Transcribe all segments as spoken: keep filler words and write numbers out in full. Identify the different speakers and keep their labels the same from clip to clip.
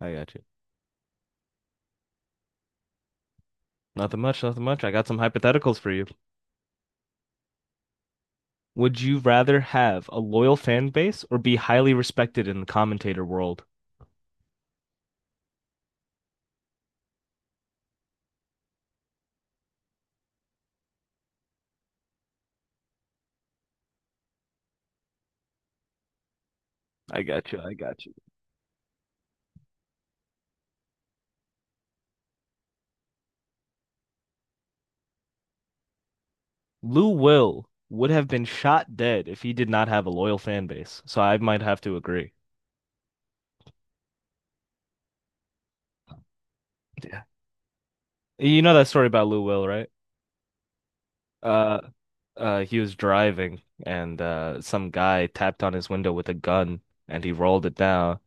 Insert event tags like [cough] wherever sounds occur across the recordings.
Speaker 1: I got you. Nothing much, nothing much. I got some hypotheticals for you. Would you rather have a loyal fan base or be highly respected in the commentator world? I got you. I got you. Lou Will would have been shot dead if he did not have a loyal fan base, so I might have to agree. You know that story about Lou Will, right? Uh, uh, he was driving and uh, some guy tapped on his window with a gun and he rolled it down.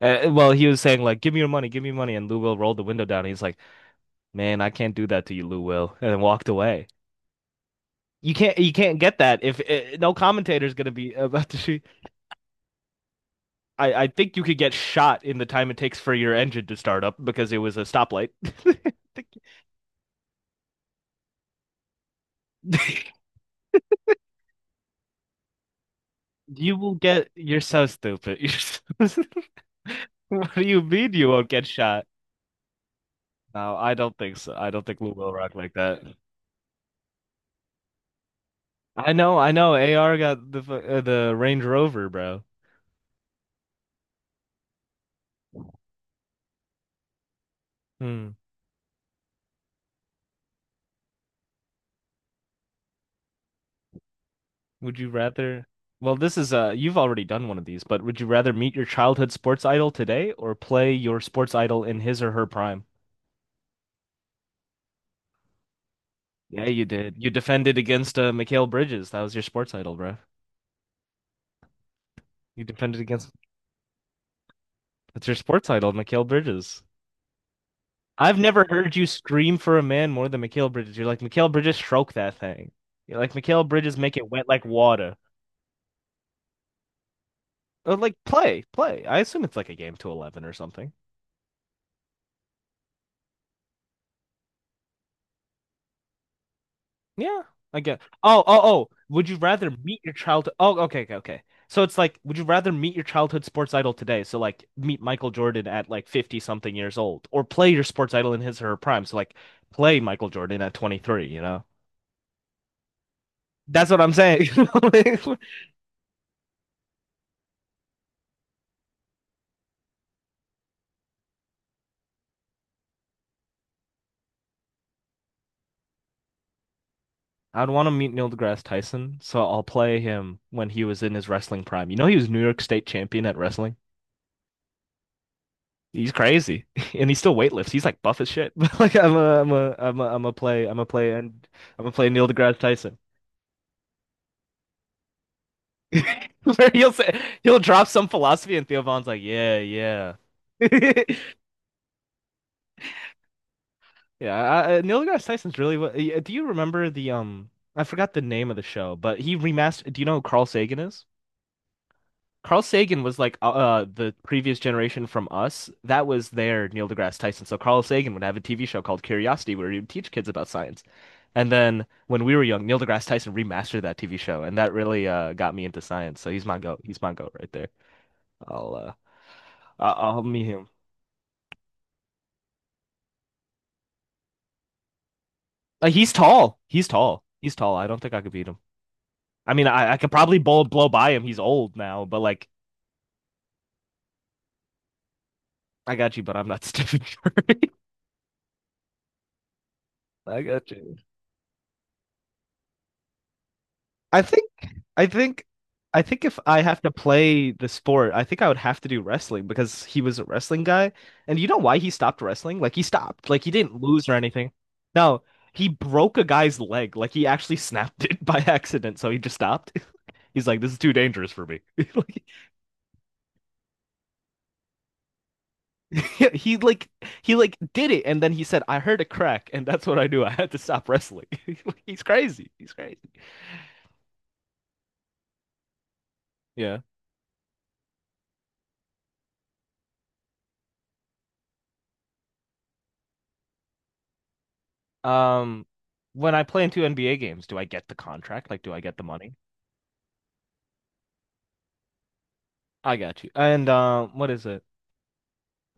Speaker 1: Uh, well, he was saying like, "Give me your money, give me your money," and Lou Will rolled the window down. He's like, "Man, I can't do that to you, Lou Will," and then walked away. You can't, you can't get that if uh, no commentator's gonna be [laughs] about to shoot. I, I think you could get shot in the time it takes for your engine to start up because it was a stoplight. [laughs] You will get, you're so stupid. [laughs] You're so- [laughs] What do you mean you won't get shot? No, I don't think so. I don't think we will rock like that. I know, I know. A R got the fu- uh, the Range Rover, bro. Hmm. Would you rather? Well, this is uh, you've already done one of these, but would you rather meet your childhood sports idol today or play your sports idol in his or her prime? Yeah, you did. You defended against uh, Mikal Bridges. That was your sports idol, bro. You defended against. That's your sports idol, Mikal Bridges. I've never heard you scream for a man more than Mikal Bridges. You're like, Mikal Bridges, stroke that thing. You're like, Mikal Bridges, make it wet like water. Or like, play, play. I assume it's like a game to eleven or something. Yeah, I get. Oh, oh, oh. Would you rather meet your childhood? Oh, okay, okay, okay. So it's like, would you rather meet your childhood sports idol today? So like, meet Michael Jordan at like fifty something years old, or play your sports idol in his or her prime. So like, play Michael Jordan at twenty-three, you know? That's what I'm saying. [laughs] Like, I'd want to meet Neil deGrasse Tyson, so I'll play him when he was in his wrestling prime. You know, he was New York State champion at wrestling. He's crazy, [laughs] and he still weightlifts. He's like buff as shit. [laughs] But like, I'm a, I'm a, I'm a, I'm a play, I'm a play, and I'm a play Neil deGrasse Tyson. [laughs] Where he'll say, he'll drop some philosophy, and Theo Vaughn's like, yeah, yeah, [laughs] yeah. I, I- Neil deGrasse Tyson's really. What- yeah, do you remember the um? I forgot the name of the show, but he remastered. Do you know who Carl Sagan is? Carl Sagan was like uh uh, the previous generation from us. That was their Neil deGrasse Tyson. So Carl Sagan would have a T V show called Curiosity where he would teach kids about science. And then when we were young, Neil deGrasse Tyson remastered that T V show, and that really uh got me into science. So he's my goat. He's my goat right there. I'll uh I- I'll meet him. Uh, he's tall. He's tall. He's tall. I don't think I could beat him. I mean, I I could probably blow blow by him. He's old now, but like, I got you, but I'm not Stephen Curry. [laughs] I got you. I think I think I think if I have to play the sport, I think I would have to do wrestling because he was a wrestling guy. And you know why he stopped wrestling? Like, he stopped. Like, he didn't lose or anything. No, he broke a guy's leg. Like, he actually [laughs] snapped it by accident, so he just stopped. [laughs] He's like, this is too dangerous for me. [laughs] Like, he like he like did it and then he said, I heard a crack and that's what I knew. [laughs] I had to stop wrestling. [laughs] He's crazy. He's crazy. Yeah. Um, when I play into N B A games, do I get the contract? Like, do I get the money? I got you. And um, what is it?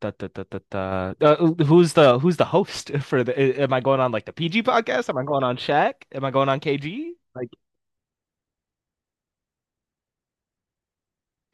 Speaker 1: Da, da, da, da, da. Uh, uh, who's the who's the host [laughs] for the? a- Am I going on like the P G podcast? Am I going on Shaq? Am I going on K G? Like,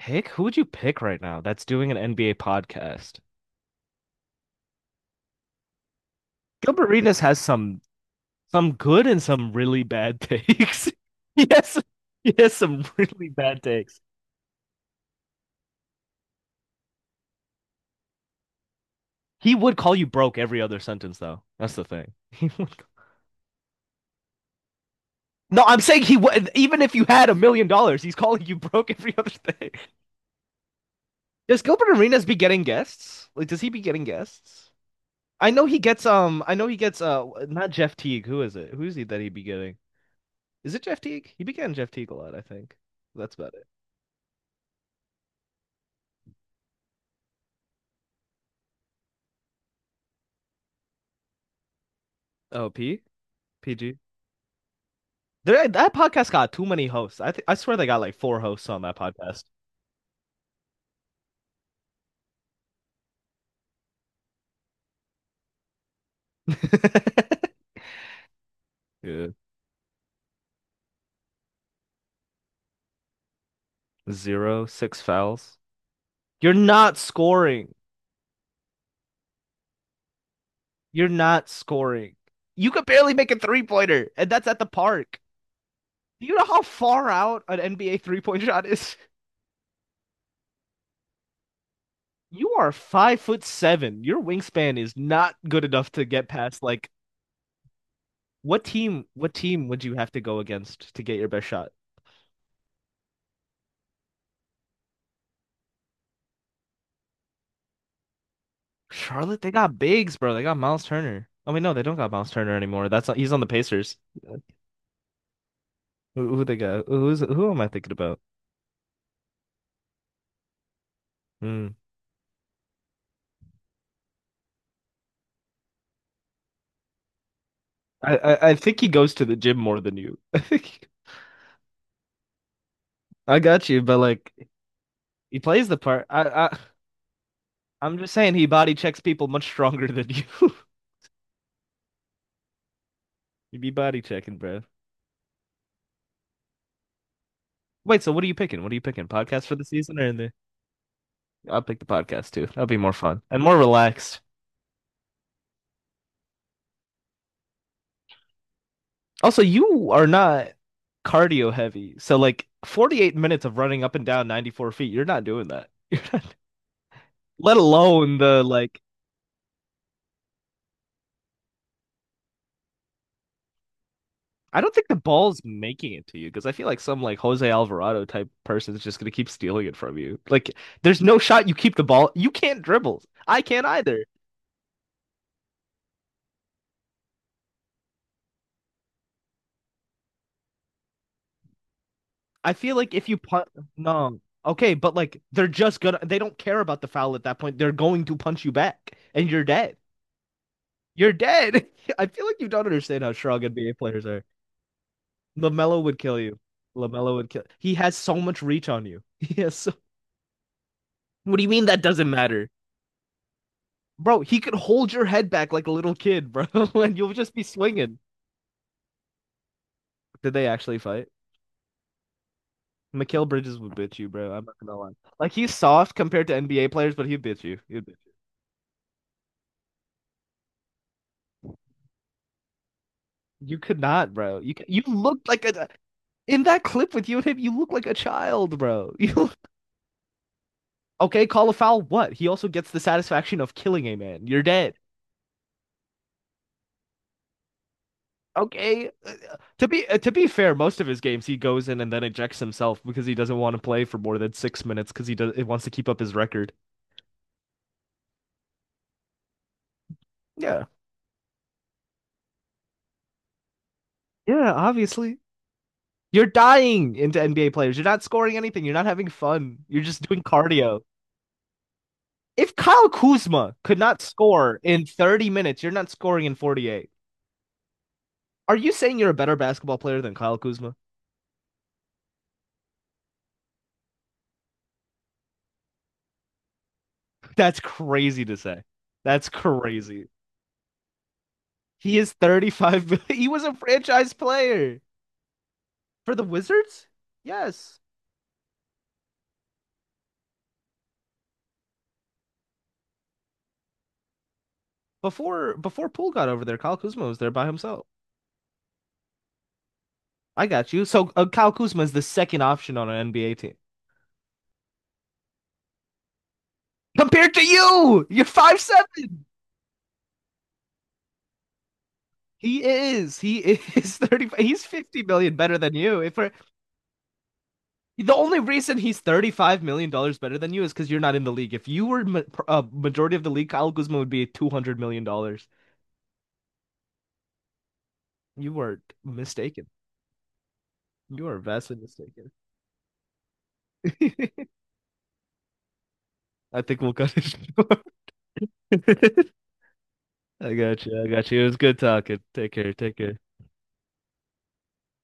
Speaker 1: pick who would you pick right now that's doing an N B A podcast? Gilbert Arenas has some some good and some really bad takes. [laughs] Yes, he has he has some really bad takes. He would call you broke every other sentence though. That's the thing. [laughs] No, I'm saying he would. Even if you had a million dollars, he's calling you broke every other day. [laughs] Does Gilbert Arenas be getting guests? Like, does he be getting guests? I know he gets. Um, I know he gets. Uh, not Jeff Teague. Who is it? Who's he that he be getting? Is it Jeff Teague? He be getting Jeff Teague a lot. I think that's about it. Oh, P PG. There, that podcast got too many hosts. I th I swear they got like four hosts on that podcast. [laughs] Yeah. Zero, six fouls. You're not scoring. You're not scoring. You could barely make a three pointer, and that's at the park. Do you know how far out an N B A three point shot is? You are five foot seven. Your wingspan is not good enough to get past, like, what team what team would you have to go against to get your best shot? Charlotte, they got bigs, bro. They got Miles Turner. I mean, no, they don't got Miles Turner anymore. That's not, he's on the Pacers. Who, who they got? Who's who am I thinking about? Hmm. I, I I think he goes to the gym more than you. [laughs] I think. I got you, but like. He plays the part. I, I I'm just saying he body checks people much stronger than you. [laughs] You be body checking, bro. Wait, so what are you picking? What are you picking? Podcast for the season or in the? I'll pick the podcast too. That'll be more fun and more relaxed. Also, you are not cardio heavy, so like forty-eight minutes of running up and down ninety-four feet, you're not doing that. [laughs] You're not, let alone the like. I don't think the ball's making it to you because I feel like some like Jose Alvarado type person is just gonna keep stealing it from you. Like, there's no shot you keep the ball. You can't dribble. I can't either. I feel like if you punt, no, okay, but like they're just gonna. They don't care about the foul at that point. They're going to punch you back, and you're dead. You're dead. [laughs] I feel like you don't understand how strong N B A players are. Lamelo would kill you. Lamelo would kill. He has so much reach on you. [laughs] He has so. What do you mean that doesn't matter? Bro, he could hold your head back like a little kid, bro, [laughs] and you'll just be swinging. Did they actually fight? Mikael Bridges would bitch you, bro. I'm not gonna lie. Like, he's soft compared to N B A players, but he'd bitch you. He'd bitch you. You could not, bro. You you looked like a, in that clip with you and him. You look like a child, bro. [laughs] You okay? Call a foul. What? He also gets the satisfaction of killing a man. You're dead. Okay. Uh, To be uh, to be fair, most of his games he goes in and then ejects himself because he doesn't want to play for more than six minutes because he does. It wants to keep up his record. Yeah, yeah, obviously. You're dying into N B A players. You're not scoring anything. You're not having fun. You're just doing cardio. If Kyle Kuzma could not score in thirty minutes, you're not scoring in forty-eight. Are you saying you're a better basketball player than Kyle Kuzma? [laughs] That's crazy to say. That's crazy. He is thirty-five. [laughs] He was a franchise player for the Wizards? Yes. Before before Poole got over there, Kyle Kuzma was there by himself. I got you. So uh, Kyle Kuzma is the second option on an N B A team compared to you. You're five seven. He is. He is [laughs] thirty. He's fifty million better than you. If we're, the only reason he's thirty five million dollars better than you is because you're not in the league. If you were ma- pr- uh, majority of the league, Kyle Guzman would be two hundred million dollars. You are mistaken. You are vastly mistaken. [laughs] I think we'll cut it short. [laughs] I got you. I got you. It was good talking. Take care. Take care.